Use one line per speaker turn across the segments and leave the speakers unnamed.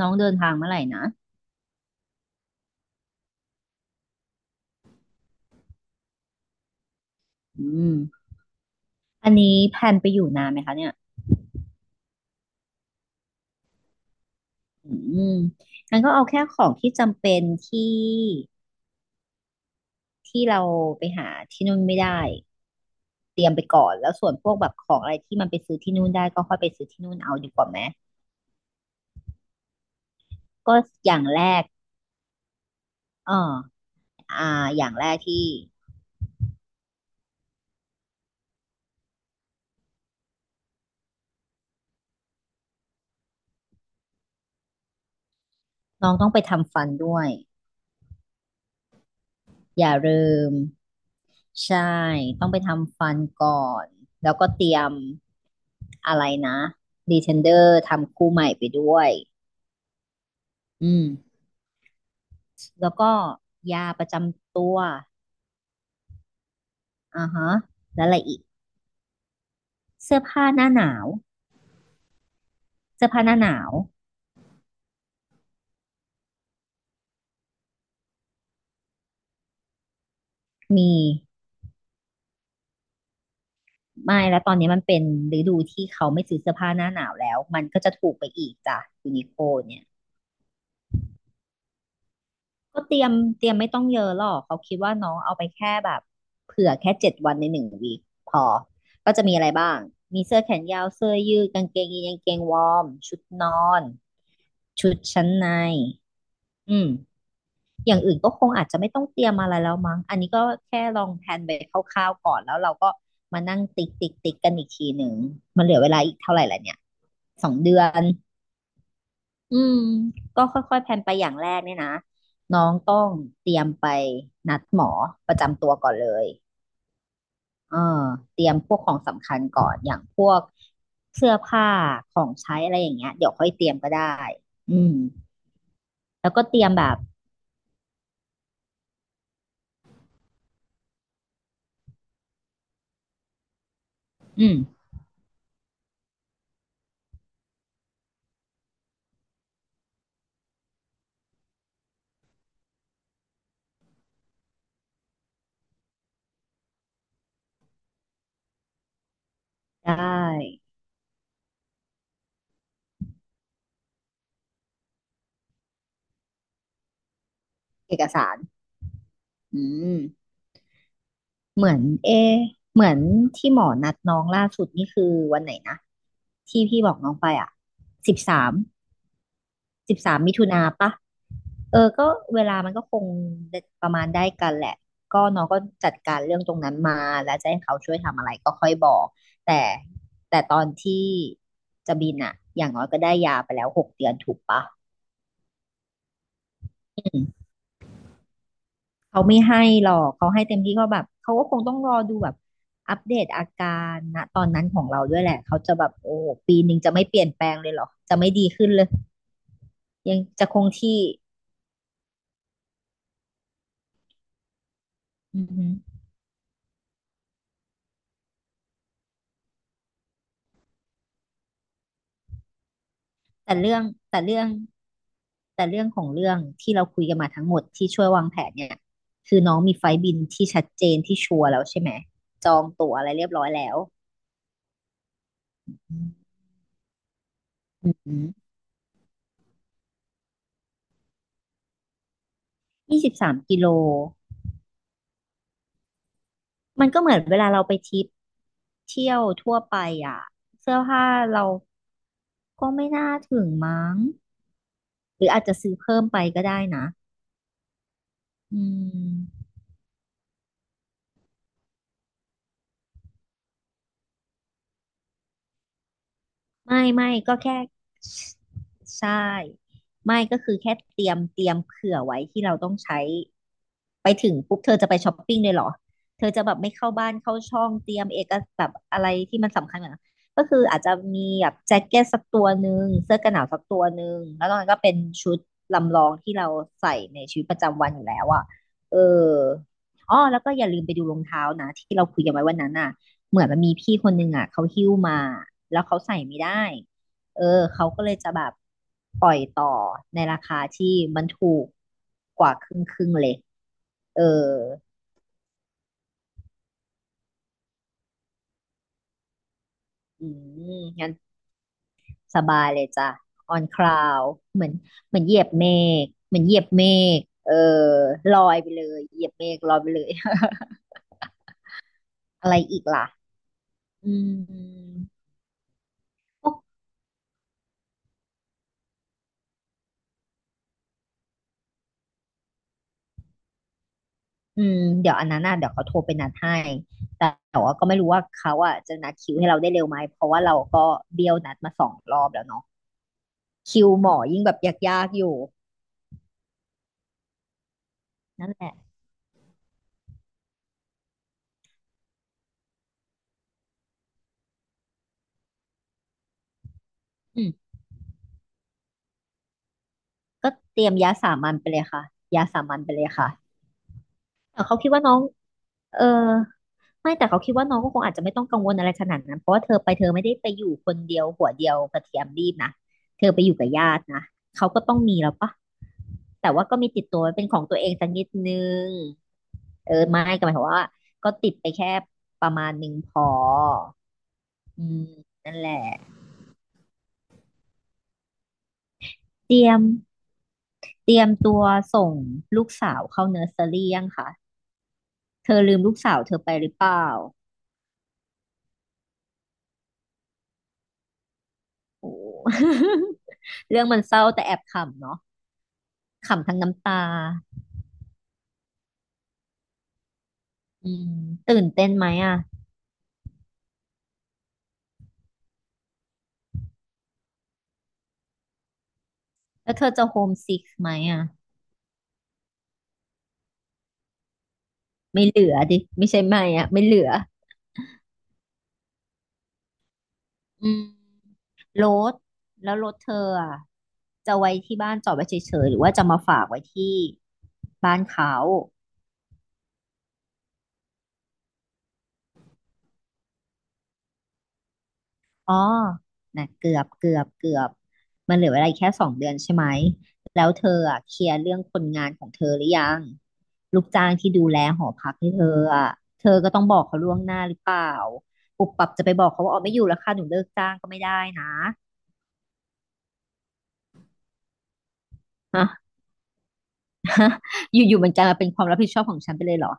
น้องเดินทางเมื่อไหร่นะอืมอันนี้แพลนไปอยู่นานไหมคะเนี่ยอืมงั้นก็เอาแค่ของที่จำเป็นที่เราไปหาที่นู่นไม่ได้เตรียมไปก่อนแล้วส่วนพวกแบบของอะไรที่มันไปซื้อที่นู่นได้ก็ค่อยไปซื้อที่นู่นเอาดีกว่าไหม ก็อย่างแรกเอออ่าอย่างแรกที่น้องต้องไปทำฟันด้วยอย่าลืมใช่ต้องไปทำฟันก่อนแล้วก็เตรียมอะไรนะดีเทนเดอร์ทำคู่ใหม่ไปด้วย อืมแล้วก็ยาประจำตัวอ่าฮะแล้วอะไรอีกเสื้อผ้าหน้าหนาวเสื้อผ้าหน้าหนาวมีไม่แล้วตอนนี้มันเป็นฤดูที่เขาไม่ซื้อเสื้อผ้าหน้าหนาวแล้วมันก็จะถูกไปอีกจ้ะยูนิโคเนี่ยก็เตรียมไม่ต้องเยอะหรอกเขาคิดว่าน้องเอาไปแค่แบบเผื่อแค่7 วันในหนึ่งวีคพอก็จะมีอะไรบ้างมีเสื้อแขนยาวเสื้อยืดกางเกงยีนกางเกงวอร์มชุดนอนชุดชั้นในอืม อย่างอื่นก็คงอาจจะไม่ต้องเตรียมอะไรแล้วมั้งอันนี้ก็แค่ลองแพลนไปคร่าวๆก่อนแล้วเราก็มานั่งติ๊กติ๊กติ๊กกันอีกทีหนึ่งมันเหลือเวลาอีกเท่าไหร่ละเนี่ย2 เดือนอืมก็ค่อยๆแพลนไปอย่างแรกเนี่ยนะน้องต้องเตรียมไปนัดหมอประจำตัวก่อนเลยเออเตรียมพวกของสำคัญก่อนอย่างพวกเสื้อผ้าของใช้อะไรอย่างเงี้ยเดี๋ยวค่อยเตรียมก็ได้อืมแล้วก็เตรียมแบบอืมได้เอกสารอืม เหมือนเอะเหมือนที่หมอนัดน้องล่าสุดนี่คือวันไหนนะที่พี่บอกน้องไปอ่ะสิบสาม13 มิถุนาปะเออก็เวลามันก็คงประมาณได้กันแหละก็น้องก็จัดการเรื่องตรงนั้นมาแล้วจะให้เขาช่วยทำอะไรก็ค่อยบอกแต่แต่ตอนที่จะบินอ่ะอย่างน้อยก็ได้ยาไปแล้ว6 เดือนถูกปะอืม เขาไม่ให้หรอกเขาให้เต็มที่ก็แบบเขาก็คงต้องรอดูแบบอัปเดตอาการณตอนนั้นของเราด้วยแหละเขาจะแบบโอ้ปีหนึ่งจะไม่เปลี่ยนแปลงเลยเหรอจะไม่ดีขึ้นเลยยังจะคงที่อือฮึแต่เรื่องแต่เรื่องแต่เรื่องของเรื่องที่เราคุยกันมาทั้งหมดที่ช่วยวางแผนเนี่ยคือน้องมีไฟล์บินที่ชัดเจนที่ชัวร์แล้วใช่ไหมจองตั๋วอะไรเรียบร้อยแล้วอืม23 กิโลมันก็เหมือนเวลาเราไปทริปเที่ยวทั่วไปอ่ะเสื้อผ้าเรา ก็ไม่น่าถึงมั้งหรืออาจจะซื้อเพิ่มไปก็ได้นะอืม ไม่ไม่ก็แค่ใช่ไม่ก็คือแค่เตรียมเผื่อไว้ที่เราต้องใช้ไปถึงปุ๊บเธอจะไปช้อปปิ้งเลยเหรอเธอจะแบบไม่เข้าบ้านเข้าช่องเตรียมเอกสารแบบอะไรที่มันสำคัญเหมือนกันก็คืออาจจะมีแบบแจ็คเก็ตสักตัวหนึ่งเสื้อกันหนาวสักตัวหนึ่งแล้วตอนนั้นก็เป็นชุดลำลองที่เราใส่ในชีวิตประจำวันอยู่แล้วอ่ะเอออ้อแล้วก็อย่าลืมไปดูรองเท้านะที่เราคุยกันไว้วันนั้นอ่ะ เหมือนมันมีพี่คนหนึ่งอ่ะเขาหิ้วมาแล้วเขาใส่ไม่ได้เออเขาก็เลยจะแบบปล่อยต่อในราคาที่มันถูกกว่าครึ่งครึ่งเลย เอออืมงั้นสบายเลยจ้ะ on cloud เหมือนเหมือนเหยียบเมฆเหมือนเหยียบเมฆเออลอยไปเลยเหยียบเมฆลอยไปเลย อะไรอีกล่ะอืม อืมเดี๋ยวอันนั้นน่ะเดี๋ยวเขาโทรไปนัดให้แต่แต่ว่าก็ไม่รู้ว่าเขาอ่ะจะนัดคิวให้เราได้เร็วไหมเพราะว่าเราก็เบี้ยวนัดมา2 รอบแล้วเนาะคิวหมอยิ่งแบบยากๆอยู่นั่นแหละอืมก็เตรียมยาสามัญไปเลยค่ะยาสามัญไปเลยค่ะแต่เขาคิดว่าน้องเออ ไม่แต่เขาคิดว่าน้องก็คงอาจจะไม่ต้องกังวลอะไรขนาดนั้นเพราะว่าเธอไม่ได้ไปอยู่คนเดียวหัวเดียวกระเทียมรีบนะเธอไปอยู่กับญาตินะเขาก็ต้องมีแล้วปะแต่ว่าก็มีติดตัวไว้เป็นของตัวเองสักนิดนึงเออไม่ก็หมายความว่าก็ติดไปแค่ประมาณหนึ่งพออืมนั่นแหละเตรียมเตรียมตัวส่งลูกสาวเข้าเนอร์เซอรี่ยังคะเธอลืมลูกสาวเธอไปหรือเปล่าโอ้ เรื่องมันเศร้าแต่แอบขำเนาะ ขำทั้งน้ำตาอืมตื่นเต้นไหมอ่ะ แล้วเธอจะโฮมซิกไหมอ่ะ ไม่เหลือดิ ไม่ใช่ไม่อ่ะ ไม่เหลือ อืมรถแล้วรถเธออ่ะ จะไว้ที่บ้านจอดไว้เฉยๆ หรือว่าจะมาฝากไว้ที่บ้านเขา อ๋อนะเกือบมันเหลือเวลาอีกแค่2 เดือนใช่ไหม แล้วเธออ่ะเคลียร์เรื่องคนงานของเธอหรือยังลูกจ้างที่ดูแลหอพักให้เธออ่ะเธอก็ต้องบอกเขาล่วงหน้าหรือเปล่า ปุบปับจะไปบอกเขาว่าอ๋อไม่อยู่แล้วค่ะหนูเลิกจ้างก็ไม่ได้นะฮะ อยู่ๆมันกลายมาเป็นความรับผิดชอบของฉันไปเลยเหรอ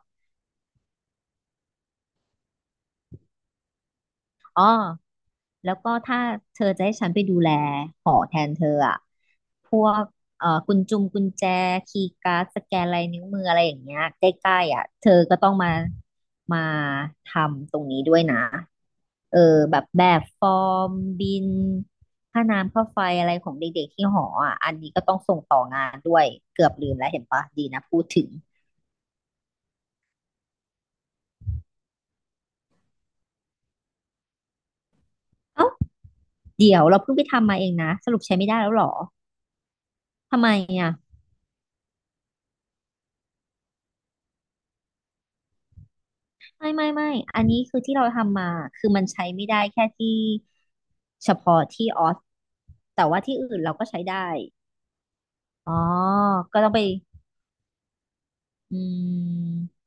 อ๋อ แล้วก็ถ้าเธอจะให้ฉันไปดูแลหอแทนเธออะพวกกุญแจคีย์การ์ดสแกนลายนิ้วมืออะไรอย่างเงี้ยใกล้ๆอ่ะเธอก็ต้องมาทำตรงนี้ด้วยนะ เออแบบฟอร์มบินค่าน้ำค่าไฟอะไรของเด็กๆที่หออ่ะอันนี้ก็ต้องส่งต่องานด้วยเกือบลืมแล้วเห็นปะดีนะพูดถึงเอ้าเดี๋ยวเราเพิ่งไปทำมาเองนะสรุปใช้ไม่ได้แล้วเหรอทำไมอ่ะ ไม่อันนี้คือที่เราทำมา คือมันใช้ไม่ได้แค่ที่เฉพาะที่ออสแต่ว่าที่อื่นเราก็ใช้ได้อ๋อก็ต้องไปอืม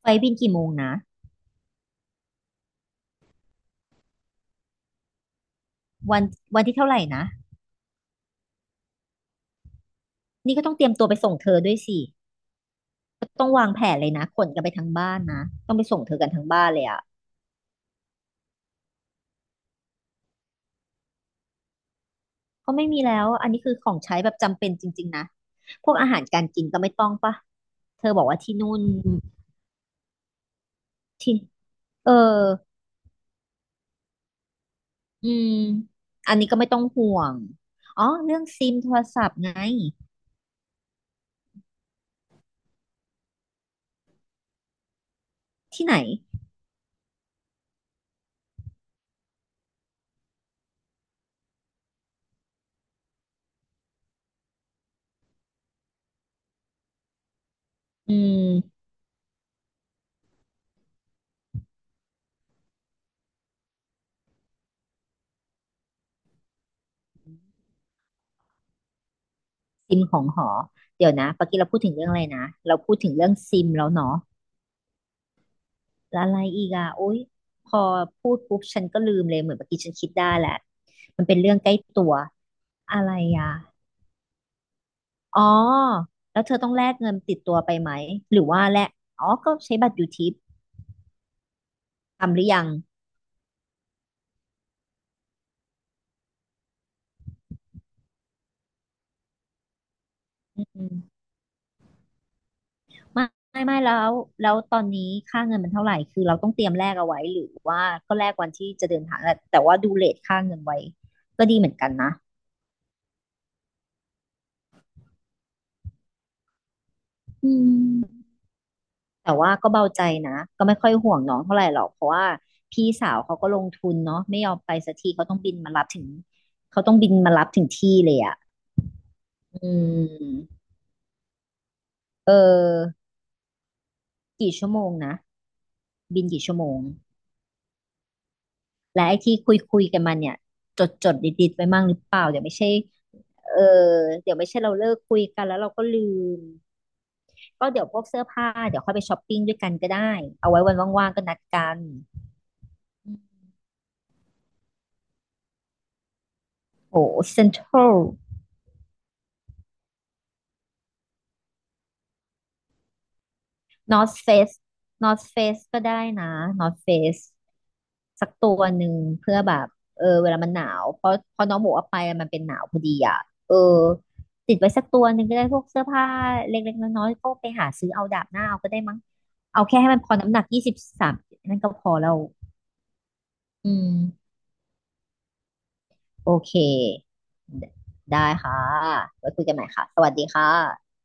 ไฟล์บินกี่โมงนะวันวันที่เท่าไหร่นะนี่ก็ต้องเตรียมตัวไปส่งเธอด้วยสิก็ต้องวางแผนเลยนะขนกันไปทั้งบ้านนะ ต้องไปส่งเธอกันทั้งบ้านเลยอะก็ไม่มีแล้ว อันนี้คือของใช้แบบจำเป็นจริงๆนะพวกอาหารการกินก็ไม่ต้องปะเธอบอกว่าที่นู่นที่เออ อืมอันนี้ก็ไม่ต้องห่วง อ๋อเรื่องซิมโทรศัพท์ไงที่ไหนอืมซิมของหอ เดี๋ยวนะปกี้เราพูดถึงเรื่องอะไรนะ เราพูดถึงเรื่องซิมแล้วเนาะ แล้วอะไรอีกอ่ะโอ๊ยพอพูดปุ๊บฉันก็ลืมเลยเหมือนเมื่อกี้ฉันคิดได้แหละ มันเป็นเรื่องใกล้ตัว อะไรอ่ะอ๋อแล้วเธอต้องแลกเงินติดตัวไปไหม หรือว่าแลกอ๋อก็ใช้บัตรยูทิปทำหรือยังอืม ไม่ไม่แล้วแล้วตอนนี้ค่าเงินมันเท่าไหร่คือเราต้องเตรียมแลกเอาไว้หรือว่าก็แลกวันที่จะเดินทางแต่ว่าดูเรทค่าเงินไว้ก็ดีเหมือนกันนะอืมแต่ว่าก็เบาใจนะก็ไม่ค่อยห่วงน้องเท่าไหร่หรอกเพราะว่าพี่สาวเขาก็ลงทุนเนาะไม่ยอมไปสักทีเขาต้องบินมารับถึงเขาต้องบินมารับถึงที่เลยอ่ะอืมเออกี่ชั่วโมงนะบินกี่ชั่วโมงและไอ้ที่คุยกันมาเนี่ยจดไว้มั่งหรือเปล่าเดี๋ยวไม่ใช่ เออเดี๋ยวไม่ใช่เราเลิกคุยกันแล้วเราก็ลืมก็เดี๋ยวพวกเสื้อผ้าเดี๋ยวค่อยไปช้อปปิ้งด้วยกันก็ได้เอาไว้วันว่างๆก็นัดกันอืมโอ้เซ็นทรัลนอ h เฟสนอ h เฟสก็ได้นะนอ h เฟสสักตัวหนึ่งเพื่อแบบเออเวลามันหนาวเพราะเพอน้องหมูเอกว่าไปมันเป็นหนาวพอดีอ่ะเออติดไว้สักตัวหนึ่งก็ได้พวกเสื้อผ้าเล็กๆน้อยๆก็ไปหาซื้อเอาดาบหน้าเอาก็ได้มั้งเอาแค่ให้มันพอน้ำหนัก23นั่นก็พอแล้วอืม โอเค ได้ค่ะไว้คุยกันใหม่ค่ะ สวัสดีค่ะ